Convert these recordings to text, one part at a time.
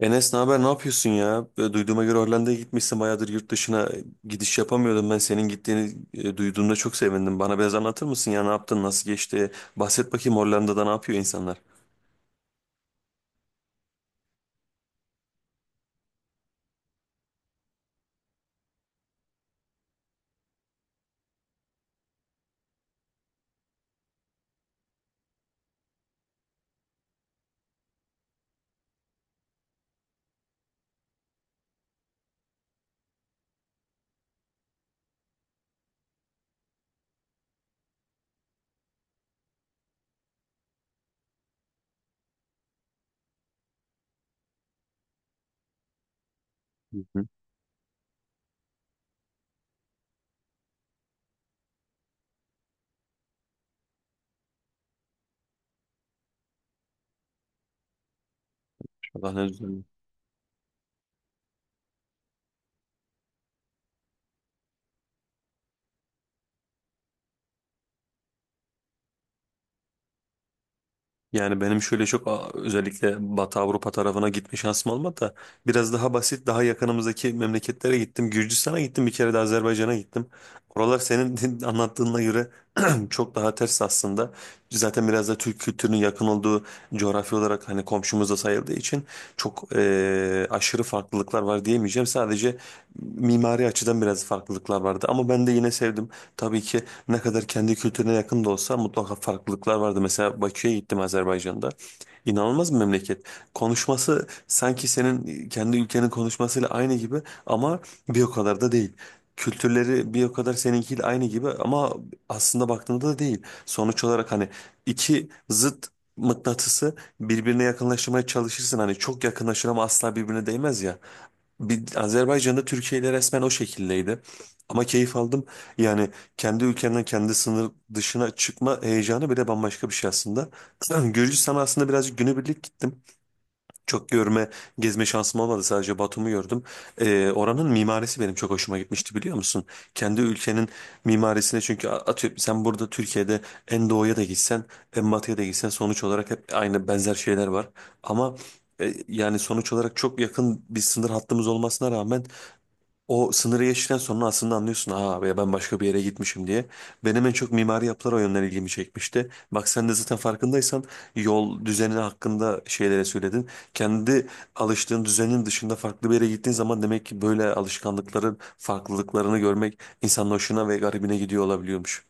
Enes, ne haber, ne yapıyorsun ya? Duyduğuma göre Hollanda'ya gitmişsin bayağıdır, yurt dışına gidiş yapamıyordum. Ben senin gittiğini duyduğumda çok sevindim. Bana biraz anlatır mısın ya, ne yaptın, nasıl geçti? Bahset bakayım, Hollanda'da ne yapıyor insanlar? Hı hı. Allah ne güzel. Yani benim şöyle çok özellikle Batı Avrupa tarafına gitme şansım olmadı da biraz daha basit, daha yakınımızdaki memleketlere gittim. Gürcistan'a gittim, bir kere de Azerbaycan'a gittim. Oralar senin anlattığına göre çok daha ters aslında. Zaten biraz da Türk kültürünün yakın olduğu, coğrafi olarak hani komşumuz da sayıldığı için çok aşırı farklılıklar var diyemeyeceğim. Sadece mimari açıdan biraz farklılıklar vardı ama ben de yine sevdim. Tabii ki ne kadar kendi kültürüne yakın da olsa mutlaka farklılıklar vardı. Mesela Bakü'ye gittim, Azerbaycan'da. İnanılmaz bir memleket. Konuşması sanki senin kendi ülkenin konuşmasıyla aynı gibi ama bir o kadar da değil. Kültürleri bir o kadar seninkiyle aynı gibi ama aslında baktığında da değil. Sonuç olarak hani iki zıt mıknatısı birbirine yakınlaştırmaya çalışırsın. Hani çok yakınlaşır ama asla birbirine değmez ya. Bir, Azerbaycan'da Türkiye ile resmen o şekildeydi. Ama keyif aldım. Yani kendi ülkenden kendi sınır dışına çıkma heyecanı bile bambaşka bir şey aslında. Gürcistan'a aslında birazcık günübirlik gittim. Çok görme, gezme şansım olmadı. Sadece Batum'u gördüm. Oranın mimarisi benim çok hoşuma gitmişti, biliyor musun? Kendi ülkenin mimarisine çünkü atıyorum, sen burada Türkiye'de en doğuya da gitsen, en batıya da gitsen, sonuç olarak hep aynı, benzer şeyler var. Ama yani sonuç olarak çok yakın bir sınır hattımız olmasına rağmen o sınırı geçtikten sonra aslında anlıyorsun, ha be ben başka bir yere gitmişim diye. Benim en çok mimari yapılar o yönden ilgimi çekmişti. Bak sen de zaten farkındaysan yol düzeni hakkında şeylere söyledin. Kendi alıştığın düzenin dışında farklı bir yere gittiğin zaman demek ki böyle alışkanlıkların farklılıklarını görmek insanın hoşuna ve garibine gidiyor olabiliyormuş.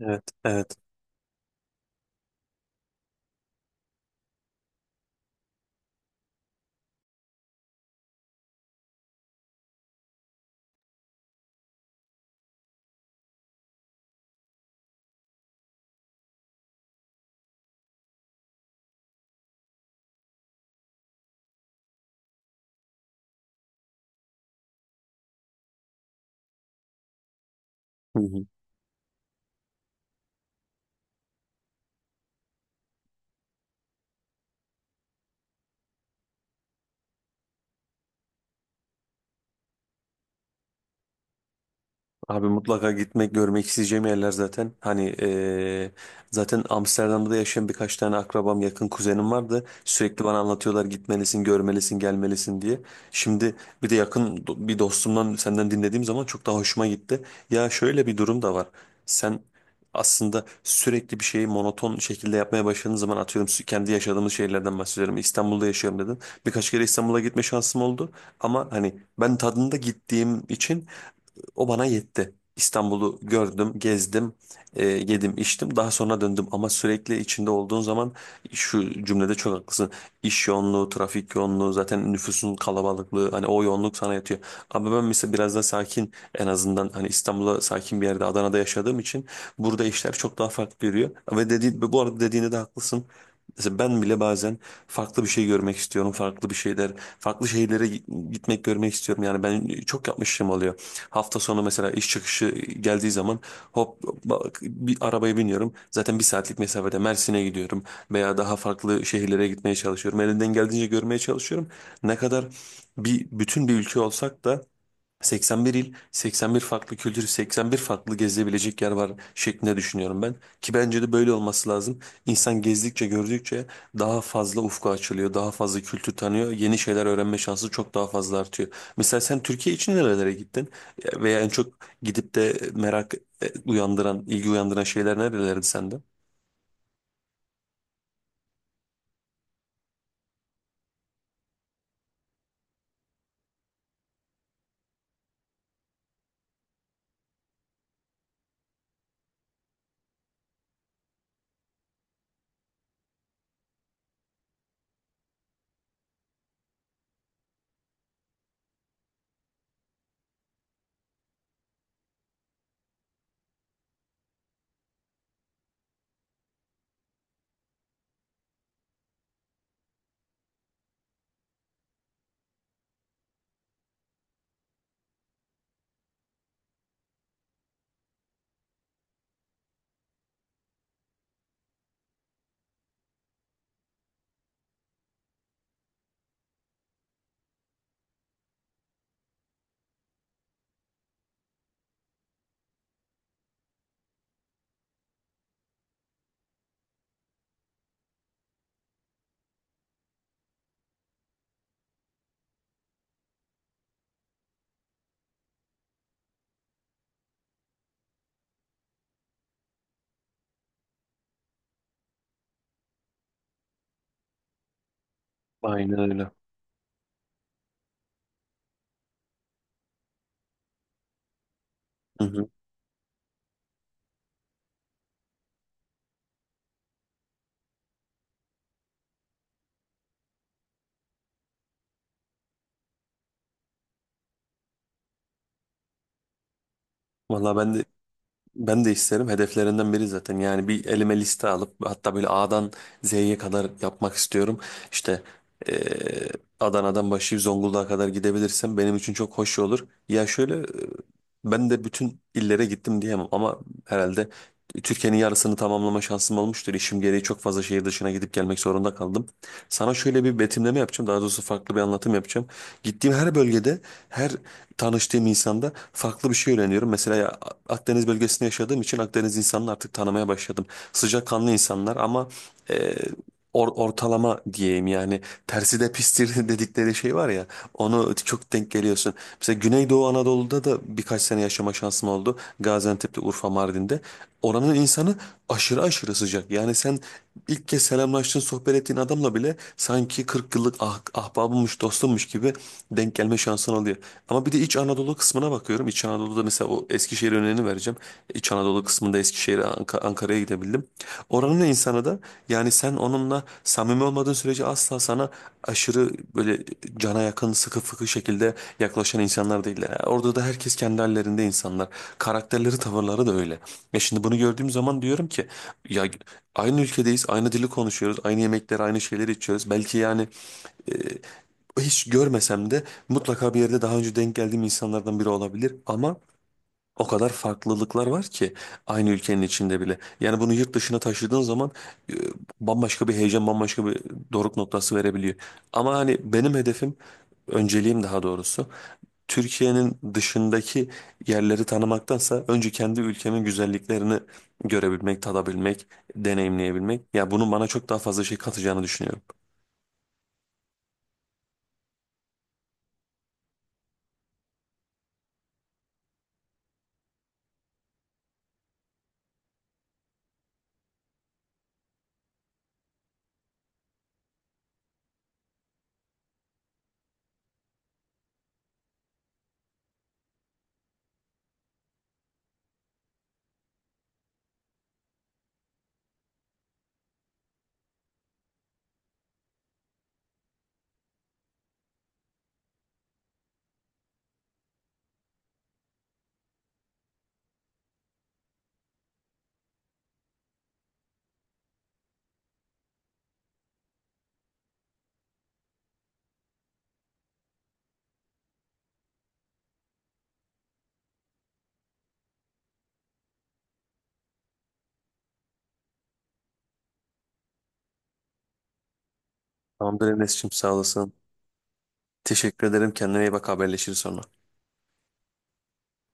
Evet, evet. Hı hı. Abi, mutlaka gitmek, görmek isteyeceğim yerler zaten. Hani zaten Amsterdam'da da yaşayan birkaç tane akrabam, yakın kuzenim vardı. Sürekli bana anlatıyorlar, gitmelisin, görmelisin, gelmelisin diye. Şimdi bir de yakın bir dostumdan, senden dinlediğim zaman çok daha hoşuma gitti. Ya şöyle bir durum da var. Sen aslında sürekli bir şeyi monoton şekilde yapmaya başladığın zaman, atıyorum kendi yaşadığımız şeylerden bahsediyorum. İstanbul'da yaşıyorum dedin. Birkaç kere İstanbul'a gitme şansım oldu. Ama hani ben tadında gittiğim için o bana yetti. İstanbul'u gördüm, gezdim, yedim, içtim. Daha sonra döndüm ama sürekli içinde olduğun zaman, şu cümlede çok haklısın. İş yoğunluğu, trafik yoğunluğu, zaten nüfusun kalabalıklığı, hani o yoğunluk sana yatıyor. Ama ben mesela biraz daha sakin, en azından hani İstanbul'a sakin bir yerde, Adana'da yaşadığım için burada işler çok daha farklı yürüyor. Ve dedi, bu arada dediğinde de haklısın. Mesela ben bile bazen farklı bir şey görmek istiyorum. Farklı bir şeyler, farklı şehirlere gitmek, görmek istiyorum. Yani ben çok yapmışım oluyor. Hafta sonu mesela iş çıkışı geldiği zaman hop bak, bir arabaya biniyorum. Zaten bir saatlik mesafede Mersin'e gidiyorum veya daha farklı şehirlere gitmeye çalışıyorum. Elimden geldiğince görmeye çalışıyorum. Ne kadar bir bütün bir ülke olsak da 81 il, 81 farklı kültür, 81 farklı gezilebilecek yer var şeklinde düşünüyorum ben. Ki bence de böyle olması lazım. İnsan gezdikçe, gördükçe daha fazla ufku açılıyor, daha fazla kültür tanıyor, yeni şeyler öğrenme şansı çok daha fazla artıyor. Mesela sen Türkiye için nerelere gittin? Veya en çok gidip de merak uyandıran, ilgi uyandıran şeyler nerelerdi sende? Aynen öyle. Hı hı. Valla ben de, ben de isterim. Hedeflerinden biri zaten. Yani bir elime liste alıp hatta böyle A'dan Z'ye kadar yapmak istiyorum. İşte eee, Adana'dan başlayıp Zonguldak'a kadar gidebilirsem benim için çok hoş olur. Ya şöyle ben de bütün illere gittim diyemem ama herhalde Türkiye'nin yarısını tamamlama şansım olmuştur. İşim gereği çok fazla şehir dışına gidip gelmek zorunda kaldım. Sana şöyle bir betimleme yapacağım. Daha doğrusu farklı bir anlatım yapacağım. Gittiğim her bölgede, her tanıştığım insanda farklı bir şey öğreniyorum. Mesela Akdeniz bölgesinde yaşadığım için Akdeniz insanını artık tanımaya başladım. Sıcakkanlı insanlar ama e, ortalama diyeyim, yani tersi de pistir dedikleri şey var ya, onu çok denk geliyorsun. Mesela Güneydoğu Anadolu'da da birkaç sene yaşama şansım oldu. Gaziantep'te, Urfa, Mardin'de. Oranın insanı aşırı aşırı sıcak. Yani sen ilk kez selamlaştığın, sohbet ettiğin adamla bile sanki 40 yıllık ahbabımmış, dostummuş gibi denk gelme şansın oluyor. Ama bir de İç Anadolu kısmına bakıyorum. İç Anadolu'da mesela o Eskişehir örneğini vereceğim. İç Anadolu kısmında Eskişehir'e, Ankara'ya gidebildim. Oranın insanı da yani sen onunla samimi olmadığın sürece asla sana aşırı böyle cana yakın, sıkı fıkı şekilde yaklaşan insanlar değiller. Yani orada da herkes kendi hallerinde insanlar. Karakterleri, tavırları da öyle. Ya şimdi bunu gördüğüm zaman diyorum ki ya, aynı ülkedeyiz, aynı dili konuşuyoruz, aynı yemekleri, aynı şeyleri içiyoruz. Belki yani hiç görmesem de mutlaka bir yerde daha önce denk geldiğim insanlardan biri olabilir ama o kadar farklılıklar var ki, aynı ülkenin içinde bile. Yani bunu yurt dışına taşıdığın zaman e, bambaşka bir heyecan, bambaşka bir doruk noktası verebiliyor. Ama hani benim hedefim, önceliğim daha doğrusu, Türkiye'nin dışındaki yerleri tanımaktansa önce kendi ülkemin güzelliklerini görebilmek, tadabilmek, deneyimleyebilmek. Ya bunun bana çok daha fazla şey katacağını düşünüyorum. Tamamdır Enes'cim, sağ olasın. Teşekkür ederim. Kendine iyi bak. Haberleşiriz sonra.